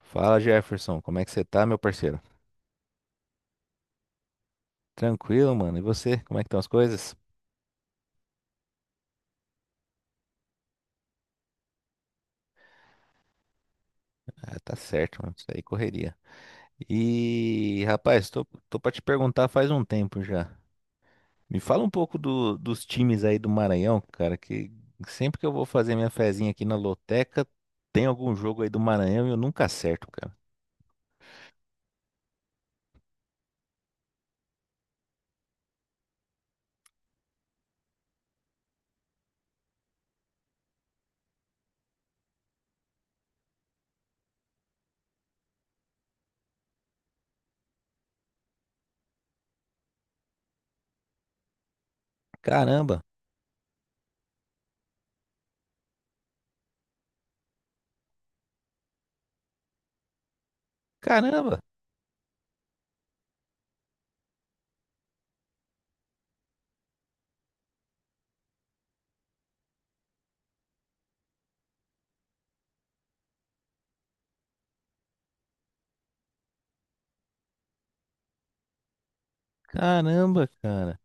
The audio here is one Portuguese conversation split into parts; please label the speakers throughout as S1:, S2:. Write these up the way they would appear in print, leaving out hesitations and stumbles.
S1: Fala Jefferson, como é que você tá, meu parceiro? Tranquilo, mano. E você, como é que estão as coisas? Ah, tá certo, mano. Isso aí correria. E, rapaz, tô pra te perguntar faz um tempo já. Me fala um pouco dos times aí do Maranhão, cara, que sempre que eu vou fazer minha fezinha aqui na loteca, tem algum jogo aí do Maranhão e eu nunca acerto, cara. Caramba, caramba, caramba, cara,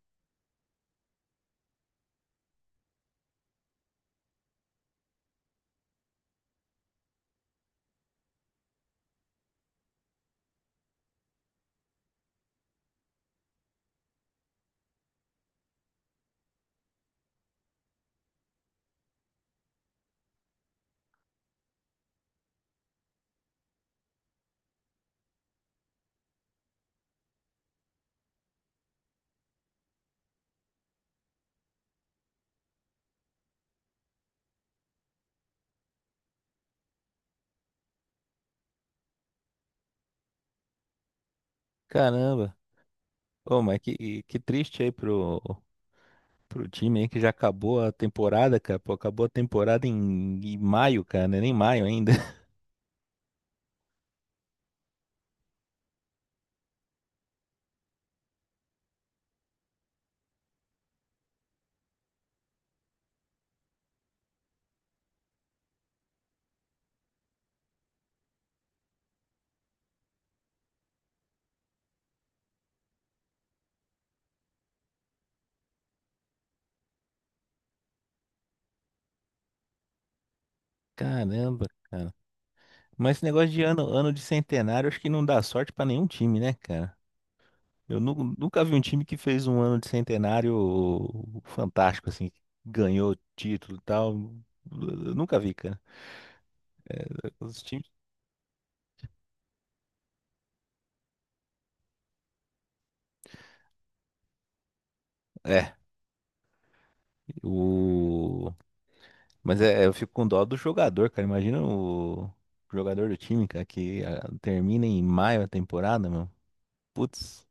S1: caramba. Ô, mas que triste aí pro time aí que já acabou a temporada, cara. Pô, acabou a temporada em maio, cara, né? Nem maio ainda. Caramba, cara. Mas esse negócio de ano de centenário, acho que não dá sorte pra nenhum time, né, cara? Eu nunca vi um time que fez um ano de centenário fantástico, assim, que ganhou título e tal. Eu nunca vi, cara. Os times. É, o. Mas é, eu fico com dó do jogador, cara. Imagina o jogador do time, cara, que termina em maio a temporada, mano. Putz,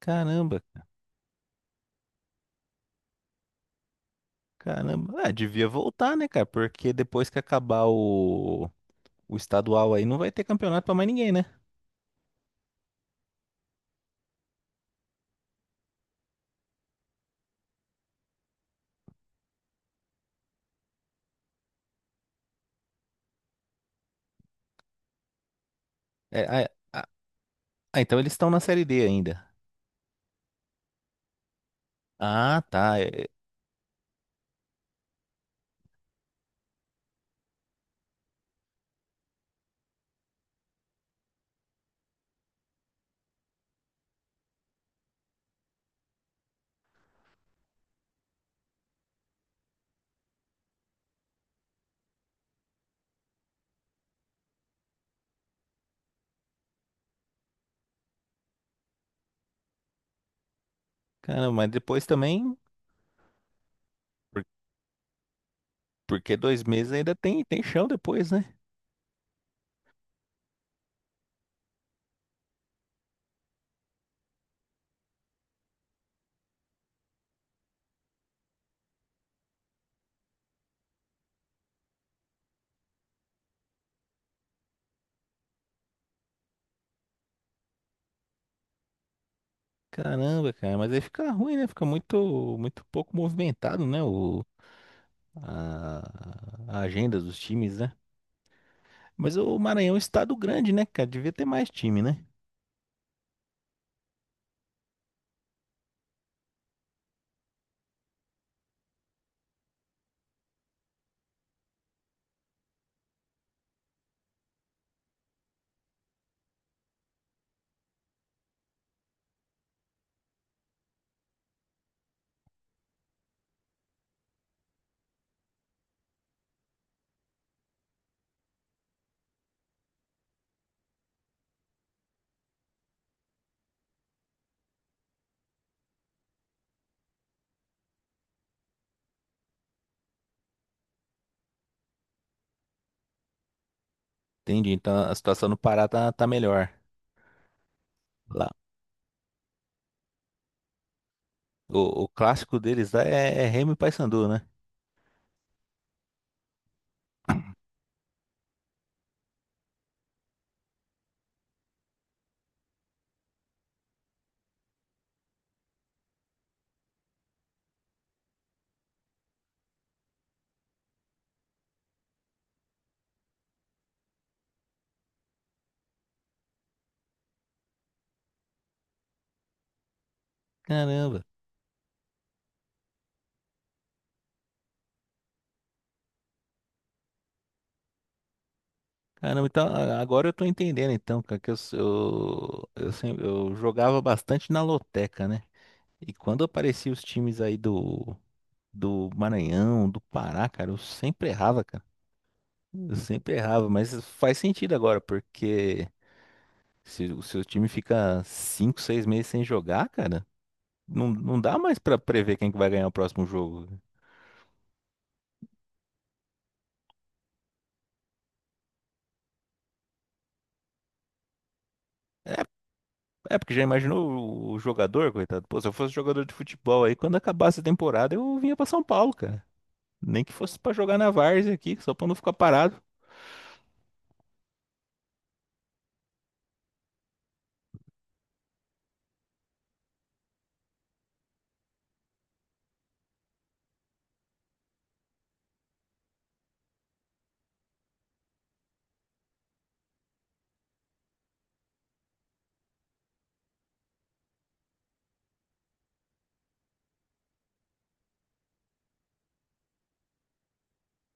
S1: caramba, caramba. Ah, devia voltar, né, cara? Porque depois que acabar o estadual aí, não vai ter campeonato pra mais ninguém, né? É, ah, então eles estão na Série D ainda. Ah, tá. Caramba, mas depois também, por- porque 2 meses ainda tem chão depois, né? Caramba, cara, mas aí fica ruim, né? Fica muito, muito pouco movimentado, né? A, a agenda dos times, né? Mas o Maranhão é um estado grande, né, cara? Devia ter mais time, né? Entendi. Então a situação no Pará tá melhor lá. O clássico deles lá é Remo e Paysandu, né? Caramba. Caramba, então agora eu tô entendendo então, cara, que eu, s- eu, sempre, eu jogava bastante na loteca, né? E quando apareciam os times aí do Maranhão, do Pará, cara, eu sempre errava, cara. Eu sempre errava, mas faz sentido agora, porque se o seu time fica cinco seis meses sem jogar, cara, não, não dá mais pra prever quem que vai ganhar o próximo jogo. É, porque já imaginou o jogador, coitado? Pô, se eu fosse jogador de futebol aí, quando acabasse a temporada, eu vinha pra São Paulo, cara. Nem que fosse pra jogar na várzea aqui, só pra não ficar parado.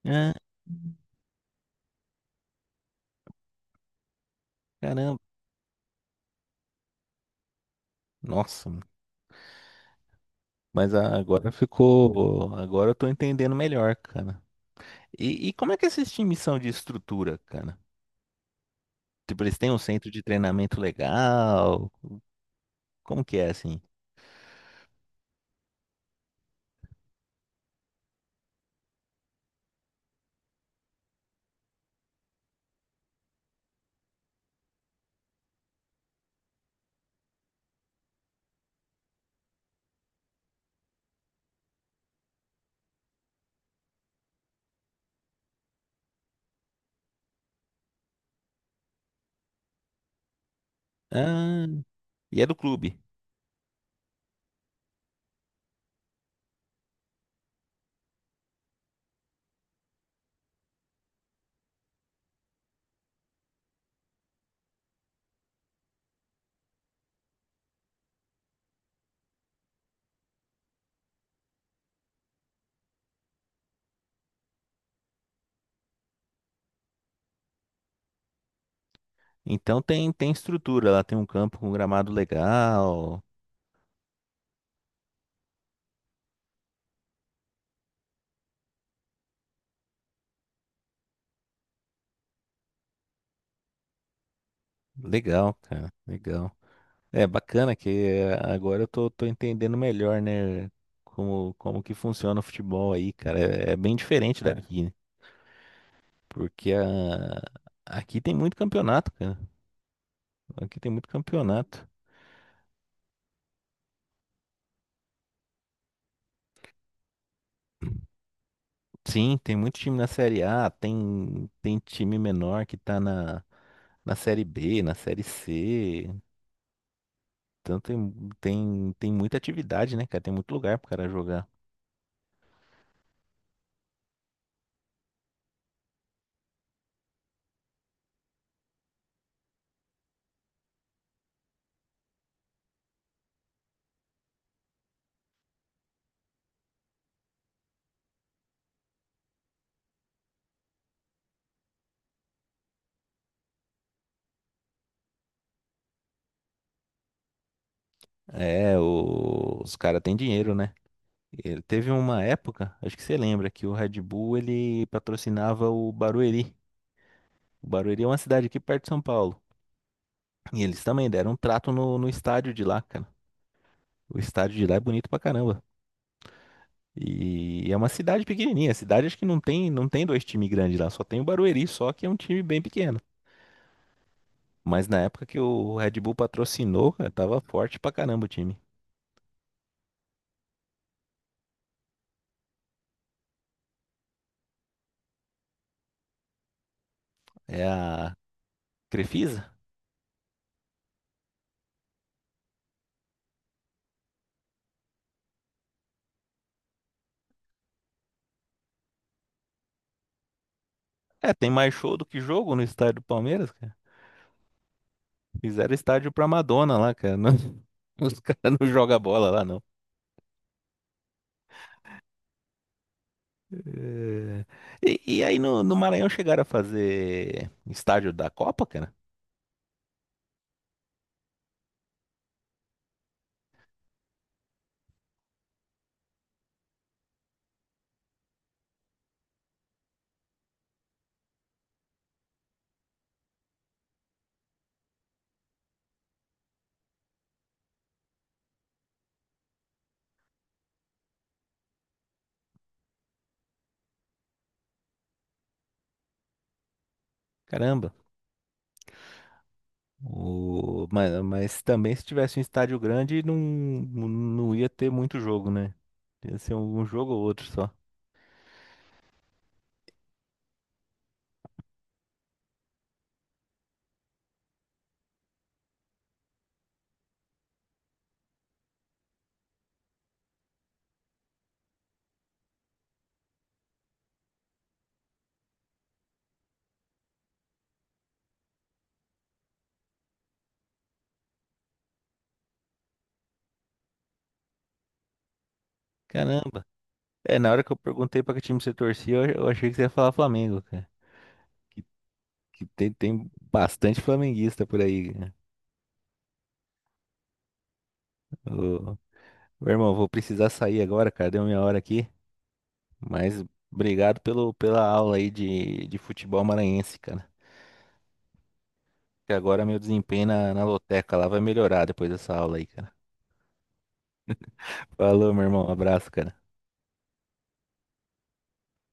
S1: Ah, caramba. Nossa, mano. Mas agora ficou. Agora eu tô entendendo melhor, cara. E como é que esses times são de estrutura, cara? Tipo, eles têm um centro de treinamento legal? Como que é assim? Ah, e é do clube. Então tem estrutura lá, tem um campo com gramado legal. Legal, cara, legal. É bacana que agora eu tô entendendo melhor, né? Como que funciona o futebol aí, cara. É, bem diferente daqui, né? Porque aqui tem muito campeonato, cara. Aqui tem muito campeonato. Sim, tem muito time na Série A, tem time menor que tá na Série B, na Série C. Então tem muita atividade, né, cara? Tem muito lugar pro cara jogar. É, os caras têm dinheiro, né? Ele teve uma época, acho que você lembra, que o Red Bull ele patrocinava o Barueri. O Barueri é uma cidade aqui perto de São Paulo. E eles também deram um trato no estádio de lá, cara. O estádio de lá é bonito pra caramba. E é uma cidade pequenininha. A cidade acho que não tem dois times grandes lá, só tem o Barueri, só que é um time bem pequeno. Mas na época que o Red Bull patrocinou, cara, tava forte pra caramba o time. É a Crefisa? É, tem mais show do que jogo no estádio do Palmeiras, cara. Fizeram estádio pra Madonna lá, cara. Os caras não jogam bola lá, não. É. E aí no Maranhão chegaram a fazer estádio da Copa, cara? Caramba. Mano, mas também se tivesse um estádio grande, não, não ia ter muito jogo, né? Ia ser um jogo ou outro só. Caramba. É, na hora que eu perguntei pra que time você torcia, eu achei que você ia falar Flamengo, cara. Que, que tem bastante flamenguista por aí, cara. Ô, meu irmão, vou precisar sair agora, cara. Deu minha hora aqui. Mas obrigado pela aula aí de futebol maranhense, cara. Que agora meu desempenho na loteca lá vai melhorar depois dessa aula aí, cara. Falou, meu irmão. Abraço, cara.